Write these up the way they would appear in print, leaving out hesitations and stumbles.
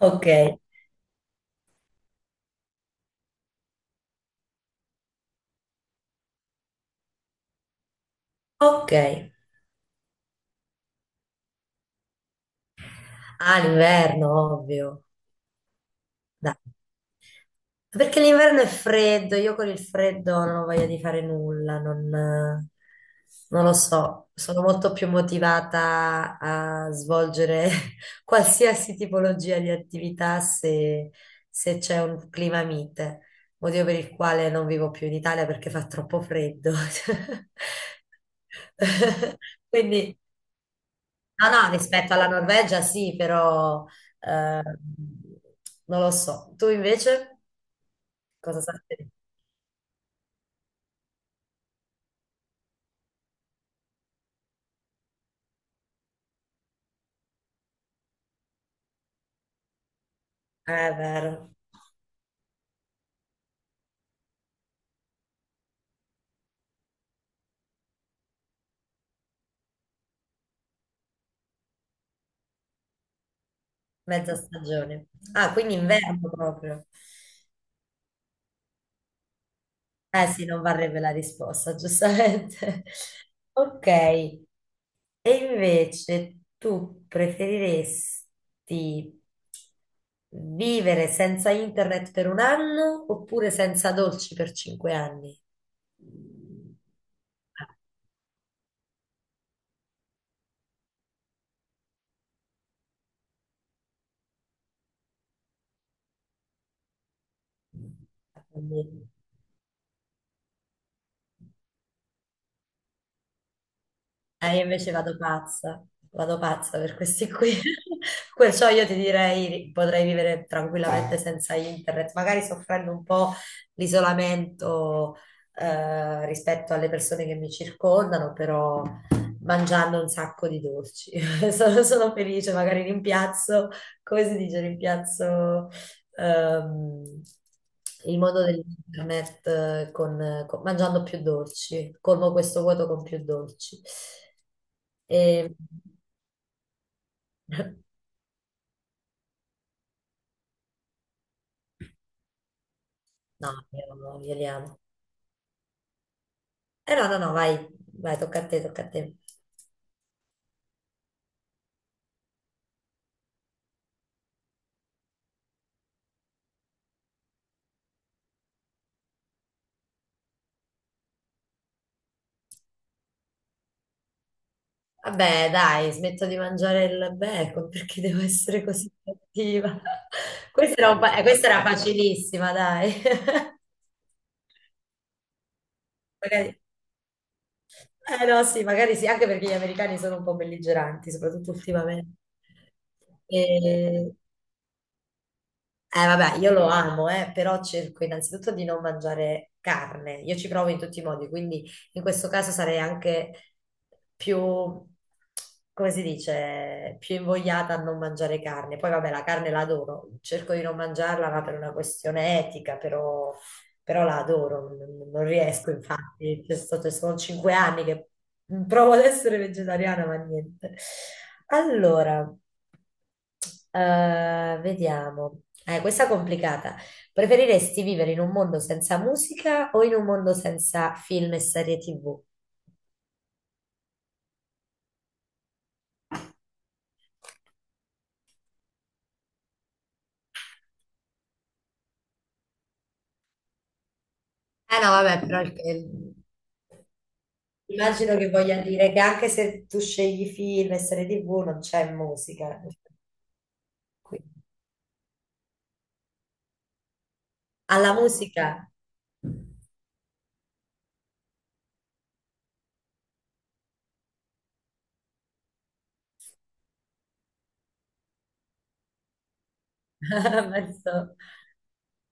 Ok, ok. Ah, l'inverno, ovvio. Dai. Perché l'inverno è freddo, io con il freddo non ho voglia di fare nulla, non lo so, sono molto più motivata a svolgere qualsiasi tipologia di attività se c'è un clima mite, motivo per il quale non vivo più in Italia perché fa troppo freddo. Quindi no, no, rispetto alla Norvegia sì, però eh, non lo so. Tu invece cosa sai? È vero, mezza stagione. Ah, quindi inverno proprio. Eh sì, non varrebbe la risposta, giustamente. Ok, e invece tu preferiresti vivere senza internet per un anno oppure senza dolci per 5 anni? Quindi- io invece vado pazza per questi qui. Perciò io ti direi potrei vivere tranquillamente senza internet, magari soffrendo un po' l'isolamento rispetto alle persone che mi circondano, però mangiando un sacco di dolci. Sono felice, magari rimpiazzo, come si dice, rimpiazzo ehm, il mondo dell'internet mangiando più dolci, colmo questo vuoto con più dolci. E... No, io, no, io li amo. Eh no, no, no, vai, vai, tocca a te, tocca a te. Vabbè, dai, smetto di mangiare il bacon perché devo essere così cattiva. Questa era, questa era facilissima, dai. Magari- Eh no, sì, magari sì, anche perché gli americani sono un po' belligeranti, soprattutto ultimamente. E- Vabbè, io lo amo, però cerco innanzitutto di non mangiare carne. Io ci provo in tutti i modi, quindi in questo caso sarei anche più, come si dice, più invogliata a non mangiare carne. Poi vabbè, la carne la adoro, cerco di non mangiarla, ma per una questione etica, però la adoro, non riesco, infatti. Sono 5 anni che provo ad essere vegetariana, ma niente. Allora, vediamo. Questa è complicata. Preferiresti vivere in un mondo senza musica o in un mondo senza film e serie TV? Eh no, vabbè, però immagino che voglia dire che anche se tu scegli film e serie TV non c'è musica. Qui. Alla musica. Penso.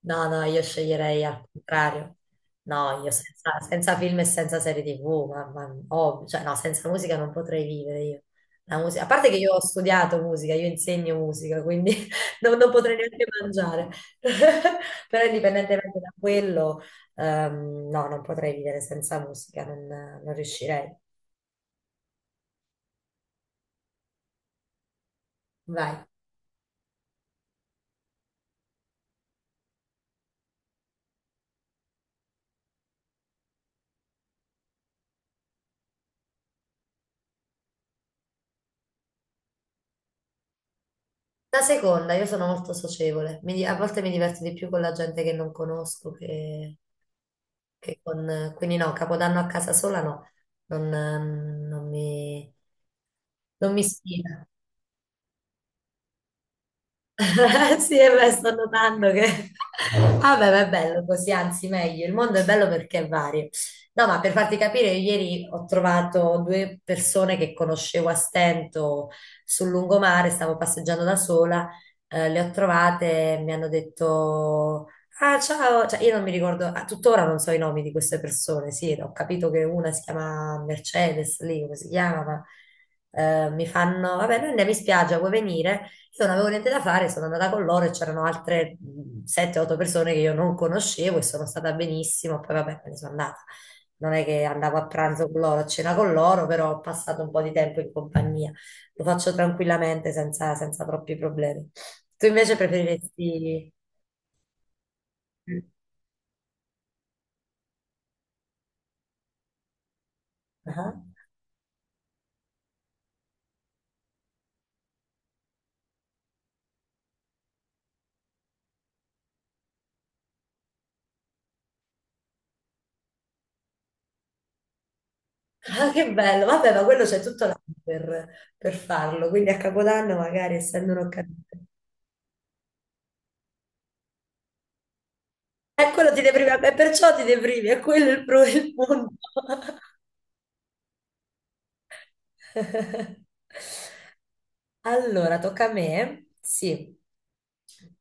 No, no, io sceglierei al contrario. No, io senza film e senza serie TV, oh, cioè, no, senza musica non potrei vivere io. La musica, a parte che io ho studiato musica, io insegno musica, quindi non potrei neanche mangiare. Però indipendentemente da quello, no, non potrei vivere senza musica, non riuscirei. Vai. La seconda, io sono molto socievole, a volte mi diverto di più con la gente che non conosco che... quindi no, Capodanno a casa sola no, non, ehm, non mi, non mi ispira. Sì, e beh, sto notando che... Vabbè, ma è bello così, anzi meglio. Il mondo è bello perché è vario. No, ma per farti capire, io ieri ho trovato due persone che conoscevo a stento sul lungomare, stavo passeggiando da sola, le ho trovate, e mi hanno detto... Ah, ciao, cioè, io non mi ricordo, a tuttora non so i nomi di queste persone, sì, ho capito che una si chiama Mercedes, lì come si chiama, ma mi fanno, vabbè, noi andiamo in spiaggia, vuoi venire? Io non avevo niente da fare, sono andata con loro e c'erano altre 7-8 persone che io non conoscevo e sono stata benissimo. Poi vabbè, me ne sono andata. Non è che andavo a pranzo con loro, a cena con loro, però ho passato un po' di tempo in compagnia. Lo faccio tranquillamente, senza troppi problemi. Tu invece preferiresti... Ah, ah, che bello! Vabbè, ma quello c'è tutto l'anno per farlo, quindi a Capodanno magari essendo un'occasione... E quello ti deprime, e perciò ti deprimi, è quello il punto. Allora, tocca a me? Sì,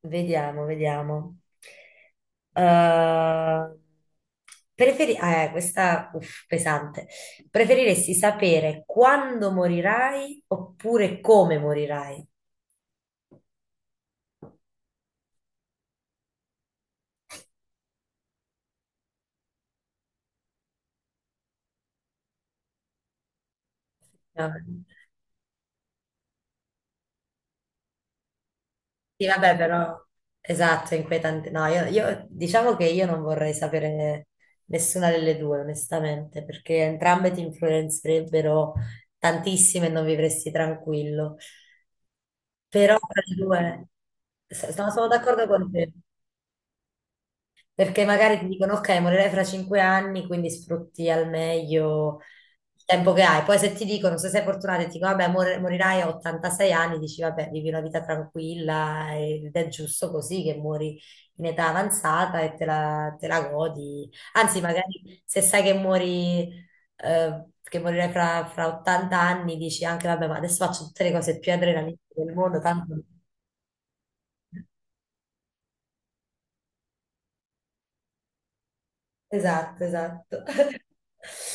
vediamo, vediamo. Eh, questa, uff, pesante. Preferiresti sapere quando morirai oppure come morirai? No, sì, vabbè, però esatto, è inquietante. No, diciamo che io non vorrei sapere nessuna delle due, onestamente, perché entrambe ti influenzerebbero tantissime e non vivresti tranquillo. Però tra le due, no, sono d'accordo con te. Perché magari ti dicono, ok, morirai fra 5 anni, quindi sfrutti al meglio il tempo che hai. Poi se ti dicono, se sei fortunato e ti dicono, vabbè, morirai a 86 anni, dici, vabbè, vivi una vita tranquilla ed è giusto così che muori in età avanzata e te la godi. Anzi, magari se sai che muori, che morirai fra 80 anni, dici anche, vabbè, ma adesso faccio tutte le cose più adrenaliniche del mondo, tanto... Esatto, esatto.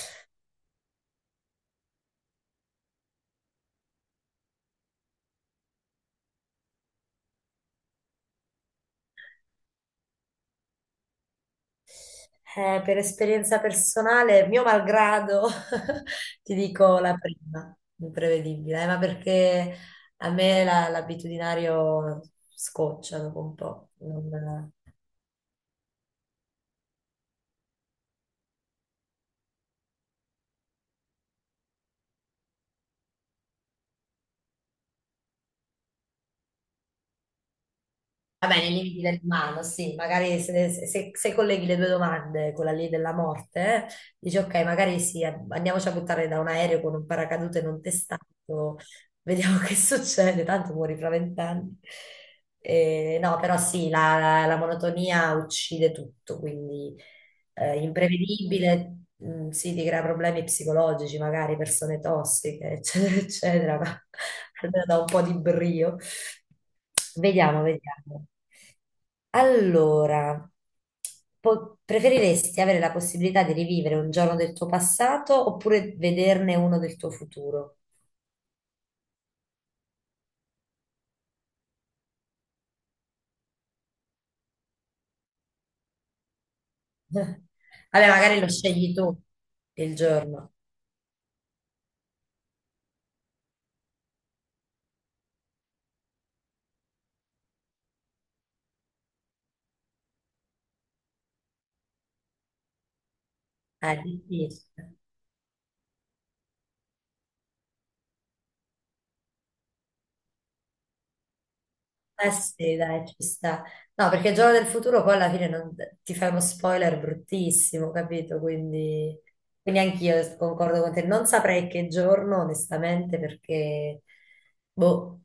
Per esperienza personale, mio malgrado, ti dico la prima, imprevedibile, ma perché a me l'abitudinario scoccia dopo un po'. Va bene, i limiti dell'umano, sì, magari se colleghi le due domande, quella lì della morte, eh, dici ok, magari sì, andiamoci a buttare da un aereo con un paracadute non testato, vediamo che succede, tanto muori fra 20 anni. No, però sì, la monotonia uccide tutto, quindi imprevedibile, sì, ti crea problemi psicologici, magari persone tossiche, eccetera, eccetera, ma almeno da un po' di brio. Vediamo, vediamo. Allora, preferiresti avere la possibilità di rivivere un giorno del tuo passato oppure vederne uno del tuo futuro? Vabbè, magari lo scegli tu il giorno. Ah, è difficile. Eh sì, dai, ci sta. No, perché giorno del futuro poi alla fine ti fai uno spoiler bruttissimo, capito? Quindi, anch'io concordo con te. Non saprei che giorno, onestamente, perché, boh,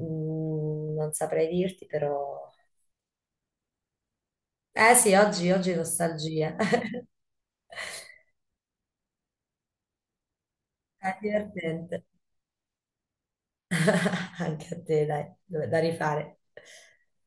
non saprei dirti, però... Eh sì, oggi, oggi nostalgia. È divertente. Anche a te, dai, da rifare.